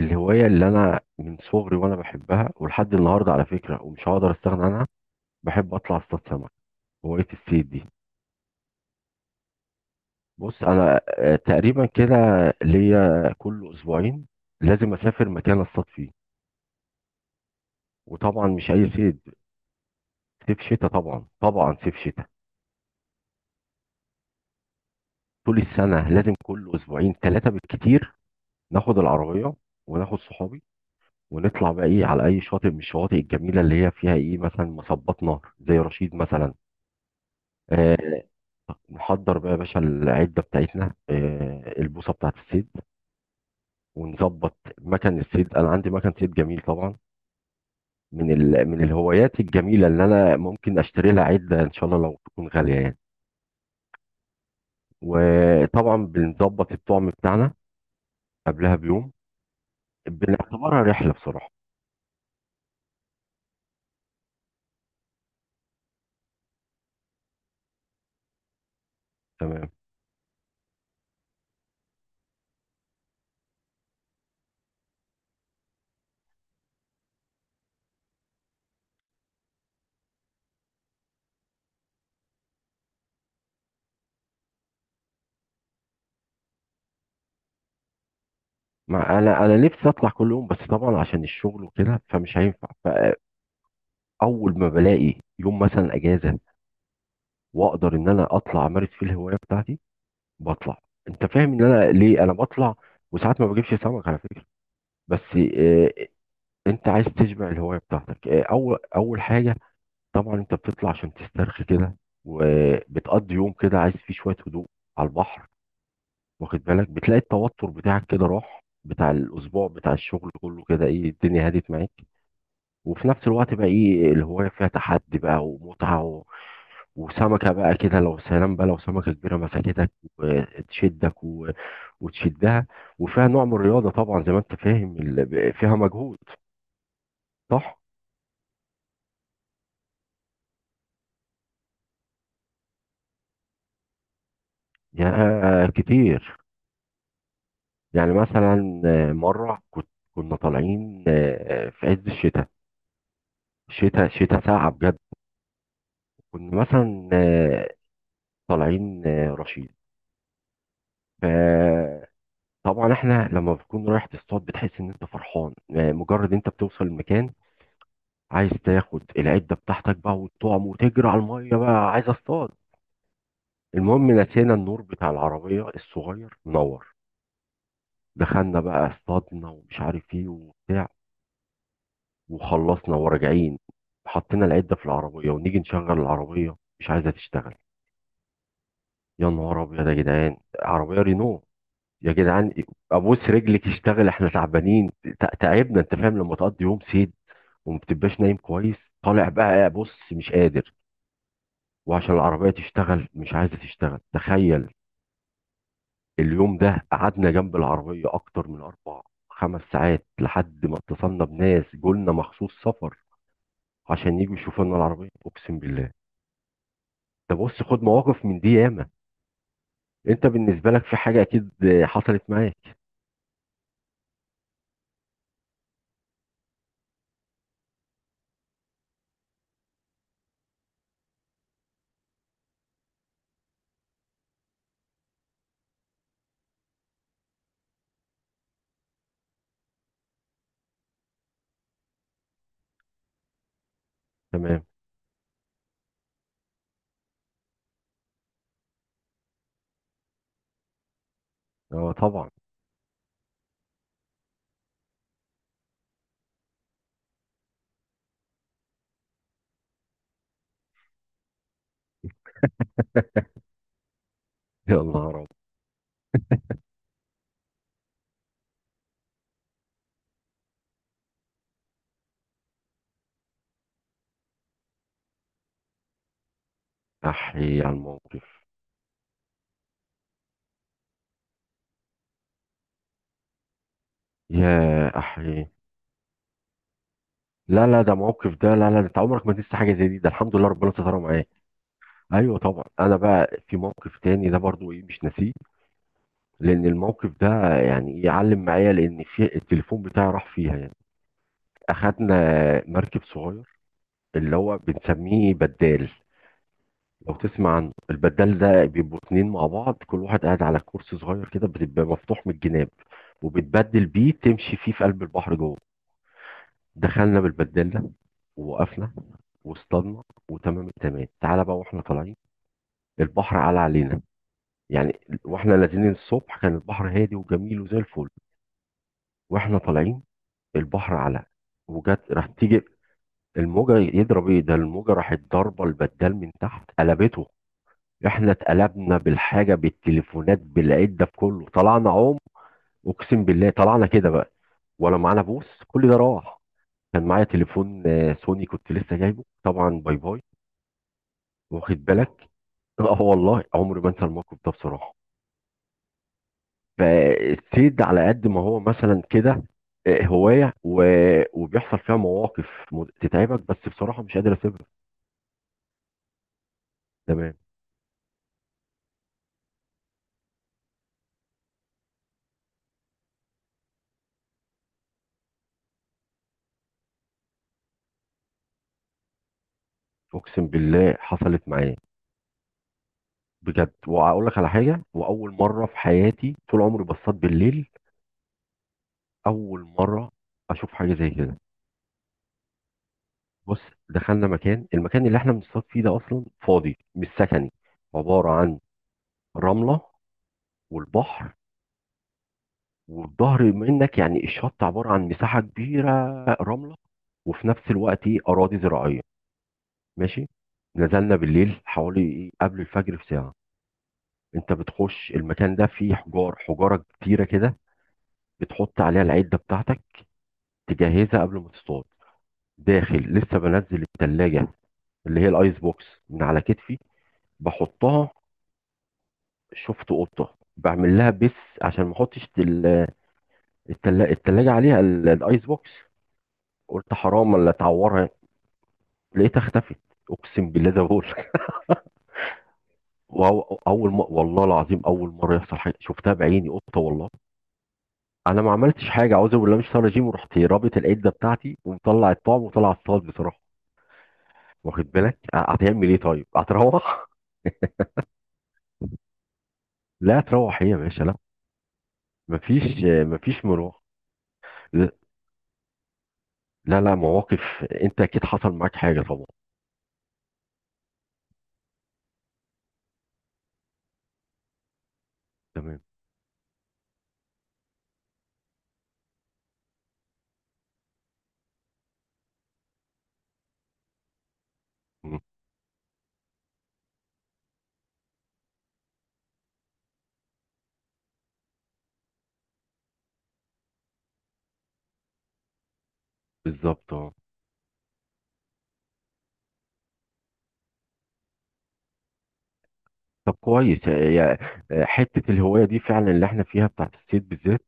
الهواية اللي أنا من صغري وأنا بحبها، ولحد النهاردة على فكرة، ومش هقدر أستغنى عنها. بحب أطلع أصطاد سمك. هواية الصيد دي. بص أنا تقريبا كده، ليا كل أسبوعين لازم أسافر مكان أصطاد فيه، وطبعا مش أي صيد. صيف شتاء، طبعا طبعا، صيف شتاء. طول السنة لازم كل أسبوعين ثلاثة بالكتير. ناخد العربية وناخد صحابي، ونطلع بقى إيه على أي شاطئ من الشواطئ الجميلة اللي هي فيها إيه مثلا مصبات نهر زي رشيد مثلا. آه. نحضر بقى يا باشا العدة بتاعتنا، آه، البوصة بتاعت الصيد، ونظبط مكان الصيد. أنا عندي مكان صيد جميل طبعا. من الهوايات الجميلة اللي أنا ممكن أشتري لها عدة إن شاء الله لو تكون غالية يعني. وطبعا بنظبط الطعم بتاعنا قبلها بيوم. بنعتبرها رحلة بصراحة. تمام. ما انا نفسي اطلع كل يوم، بس طبعا عشان الشغل وكده فمش هينفع. فاول ما بلاقي يوم مثلا اجازه واقدر ان انا اطلع امارس فيه الهوايه بتاعتي، بطلع. انت فاهم ان انا ليه انا بطلع؟ وساعات ما بجيبش سمك على فكره، بس انت عايز تشبع الهوايه بتاعتك، اول حاجه. طبعا انت بتطلع عشان تسترخي كده، وبتقضي يوم كده عايز فيه شويه هدوء على البحر. واخد بالك، بتلاقي التوتر بتاعك كده راح، بتاع الاسبوع، بتاع الشغل كله، كده ايه الدنيا هدت معاك. وفي نفس الوقت بقى ايه، الهواية فيها تحدي بقى ومتعة وسمكة بقى كده لو سلام بقى، لو سمكة كبيرة مسكتك وتشدك و... وتشدها، وفيها نوع من الرياضة طبعا زي ما انت فاهم فيها مجهود. صح؟ يا كتير. يعني مثلا مرة كنت كنا طالعين في عز الشتاء. شتاء شتاء، ساقعة بجد. كنا مثلا طالعين رشيد. ف طبعا احنا لما بتكون رايح تصطاد بتحس ان انت فرحان، مجرد انت بتوصل المكان، عايز تاخد العده بتاعتك بقى والطعم وتجري على الميه بقى، عايز اصطاد. المهم، نسينا النور بتاع العربيه الصغير منور. دخلنا بقى، اصطادنا ومش عارف ايه وبتاع، وخلصنا وراجعين، حطينا العده في العربيه، ونيجي نشغل العربيه، مش عايزه تشتغل. يا نهار ابيض يا جدعان! عربيه رينو، يا جدعان! ابوس رجلك اشتغل، احنا تعبانين. تعبنا. انت فاهم لما تقضي يوم صيد وما بتبقاش نايم كويس، طالع بقى بص مش قادر، وعشان العربية تشتغل مش عايزة تشتغل، تخيل. اليوم ده قعدنا جنب العربية أكتر من 4 5 ساعات، لحد ما اتصلنا بناس جولنا مخصوص سفر عشان يجوا يشوفوا لنا العربية، أقسم بالله. ده بص، خد مواقف من دي ياما. أنت بالنسبة لك في حاجة أكيد حصلت معاك. تمام. أه طبعا. يا نهار أبيض. أحيي على الموقف. يا أحيي. لا لا ده موقف، ده لا لا، ده أنت عمرك ما تنسى حاجة زي دي، ده الحمد لله ربنا سترها معاك. ايوه طبعا. انا بقى في موقف تاني ده برضو ايه مش ناسيه، لان الموقف ده يعني يعلم معايا، لان في التليفون بتاعي راح فيها يعني. اخدنا مركب صغير اللي هو بنسميه بدال. لو تسمع عنه، البدال ده بيبقوا 2 مع بعض، كل واحد قاعد على كرسي صغير كده، بتبقى مفتوح من الجناب، وبتبدل بيه تمشي فيه في قلب البحر جوه. دخلنا بالبدال ده ووقفنا واصطادنا، وتمام التمام. تعالى بقى واحنا طالعين، البحر على علينا يعني. واحنا نازلين الصبح كان البحر هادي وجميل وزي الفل، واحنا طالعين البحر على، وجت راح تيجي الموجه يضرب. ايه ده، الموجه راحت ضاربه البدال من تحت، قلبته. احنا اتقلبنا، بالحاجه، بالتليفونات، بالعده، بكله. طلعنا عوم، اقسم بالله. طلعنا كده بقى، ولا معانا بوس، كل ده راح. كان معايا تليفون سوني كنت لسه جايبه، طبعا باي باي. واخد بالك؟ اه والله عمري ما انسى الموقف ده بصراحه. فالصيد على قد ما هو مثلا كده هواية وبيحصل فيها مواقف تتعبك، بس بصراحة مش قادر اسيبها. تمام. اقسم بالله حصلت معايا، بجد. واقول لك على حاجة، واول مرة في حياتي طول عمري بصطاد بالليل، اول مرة اشوف حاجة زي كده. بص، دخلنا مكان، المكان اللي احنا بنصطاد فيه ده اصلا فاضي، مش سكني. عبارة عن رملة والبحر، والظهر منك يعني الشط عبارة عن مساحة كبيرة رملة، وفي نفس الوقت ايه أراضي زراعية. ماشي. نزلنا بالليل حوالي إيه قبل الفجر بساعة. انت بتخش المكان ده فيه حجار، حجارة كتيرة كده، بتحط عليها العدة بتاعتك، تجهزها قبل ما تصطاد. داخل لسه بنزل التلاجة، اللي هي الايس بوكس، من على كتفي بحطها. شفت قطة، بعمل لها بس عشان ما احطش التلاجة عليها الايس بوكس، قلت حرام ولا تعورها. لقيتها اختفت، اقسم بالله زي ما بقول لك. اول ما، والله العظيم اول مره يحصل حاجه شفتها بعيني، قطه والله. انا ما عملتش حاجه، اعوذ بالله، مش طالع جيم، ورحت رابط العده بتاعتي، ومطلع الطعم وطلع الصاد بصراحه. واخد بالك؟ هتعمل ايه؟ طيب هتروح. لا تروح هي يا باشا، لا. مفيش، مفيش مروح. لا لا، مواقف. انت اكيد حصل معاك حاجه طبعا. تمام. مم. بالظبط، اه. طب كويس يا- يا- حته الهوايه دي فعلا اللي احنا فيها بتاعت الصيد بالذات،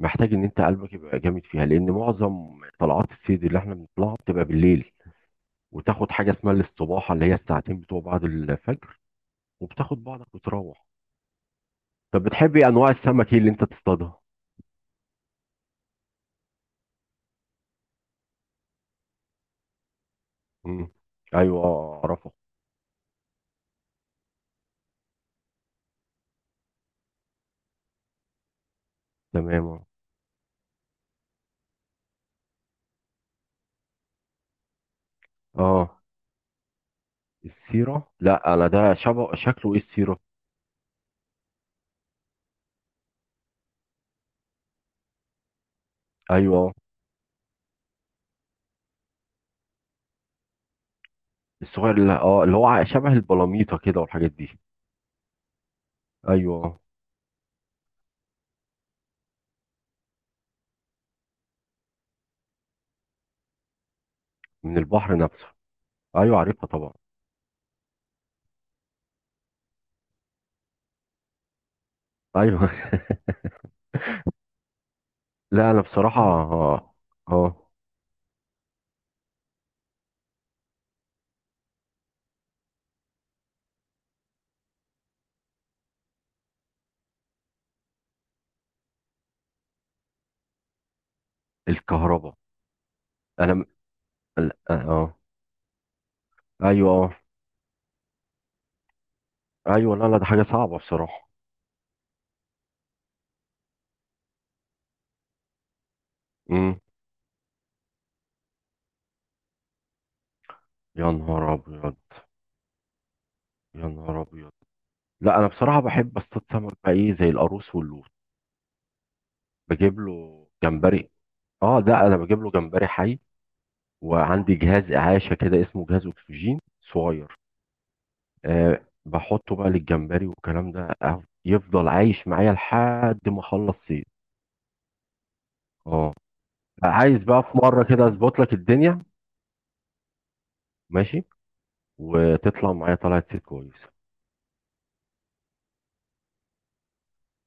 محتاج ان انت قلبك يبقى جامد فيها، لان معظم طلعات الصيد اللي احنا بنطلعها بتبقى بالليل، وتاخد حاجه اسمها الاستباحه، اللي هي الساعتين بتوع بعد الفجر، وبتاخد بعضك وتروح. طب بتحبي انواع السمك ايه اللي انت تصطادها؟ مم. ايوه، اعرفه. تمام، اه. آه. السيره؟ لا انا ده شبه شكله ايه السيره؟ ايوه. الصغير اللي اه اللي هو شبه البلاميطه كده والحاجات دي. ايوه. من البحر نفسه. ايوه عارفها طبعا. ايوه. لا انا بصراحه اه. آه. الكهرباء. انا م- اه، ايوه، اه. ايوه، لا لا ده حاجه صعبه بصراحه. امم. يا نهار ابيض. يا نهار ابيض. لا انا بصراحه بحب اصطاد سمك بقى ايه زي القاروص واللوت. بجيب له جمبري. اه، ده انا بجيب له جمبري حي، وعندي جهاز اعاشه كده اسمه جهاز اكسجين صغير. آه. بحطه بقى للجمبري والكلام ده، يفضل عايش معايا لحد ما اخلص صيد. اه. عايز بقى في مره كده اظبط لك الدنيا. ماشي، وتطلع معايا طلعت صيد كويس.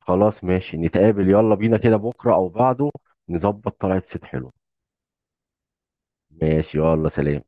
خلاص ماشي، نتقابل يلا بينا كده بكرة أو بعده، نظبط طلعة صيد حلو. ماشي، يلا سلام.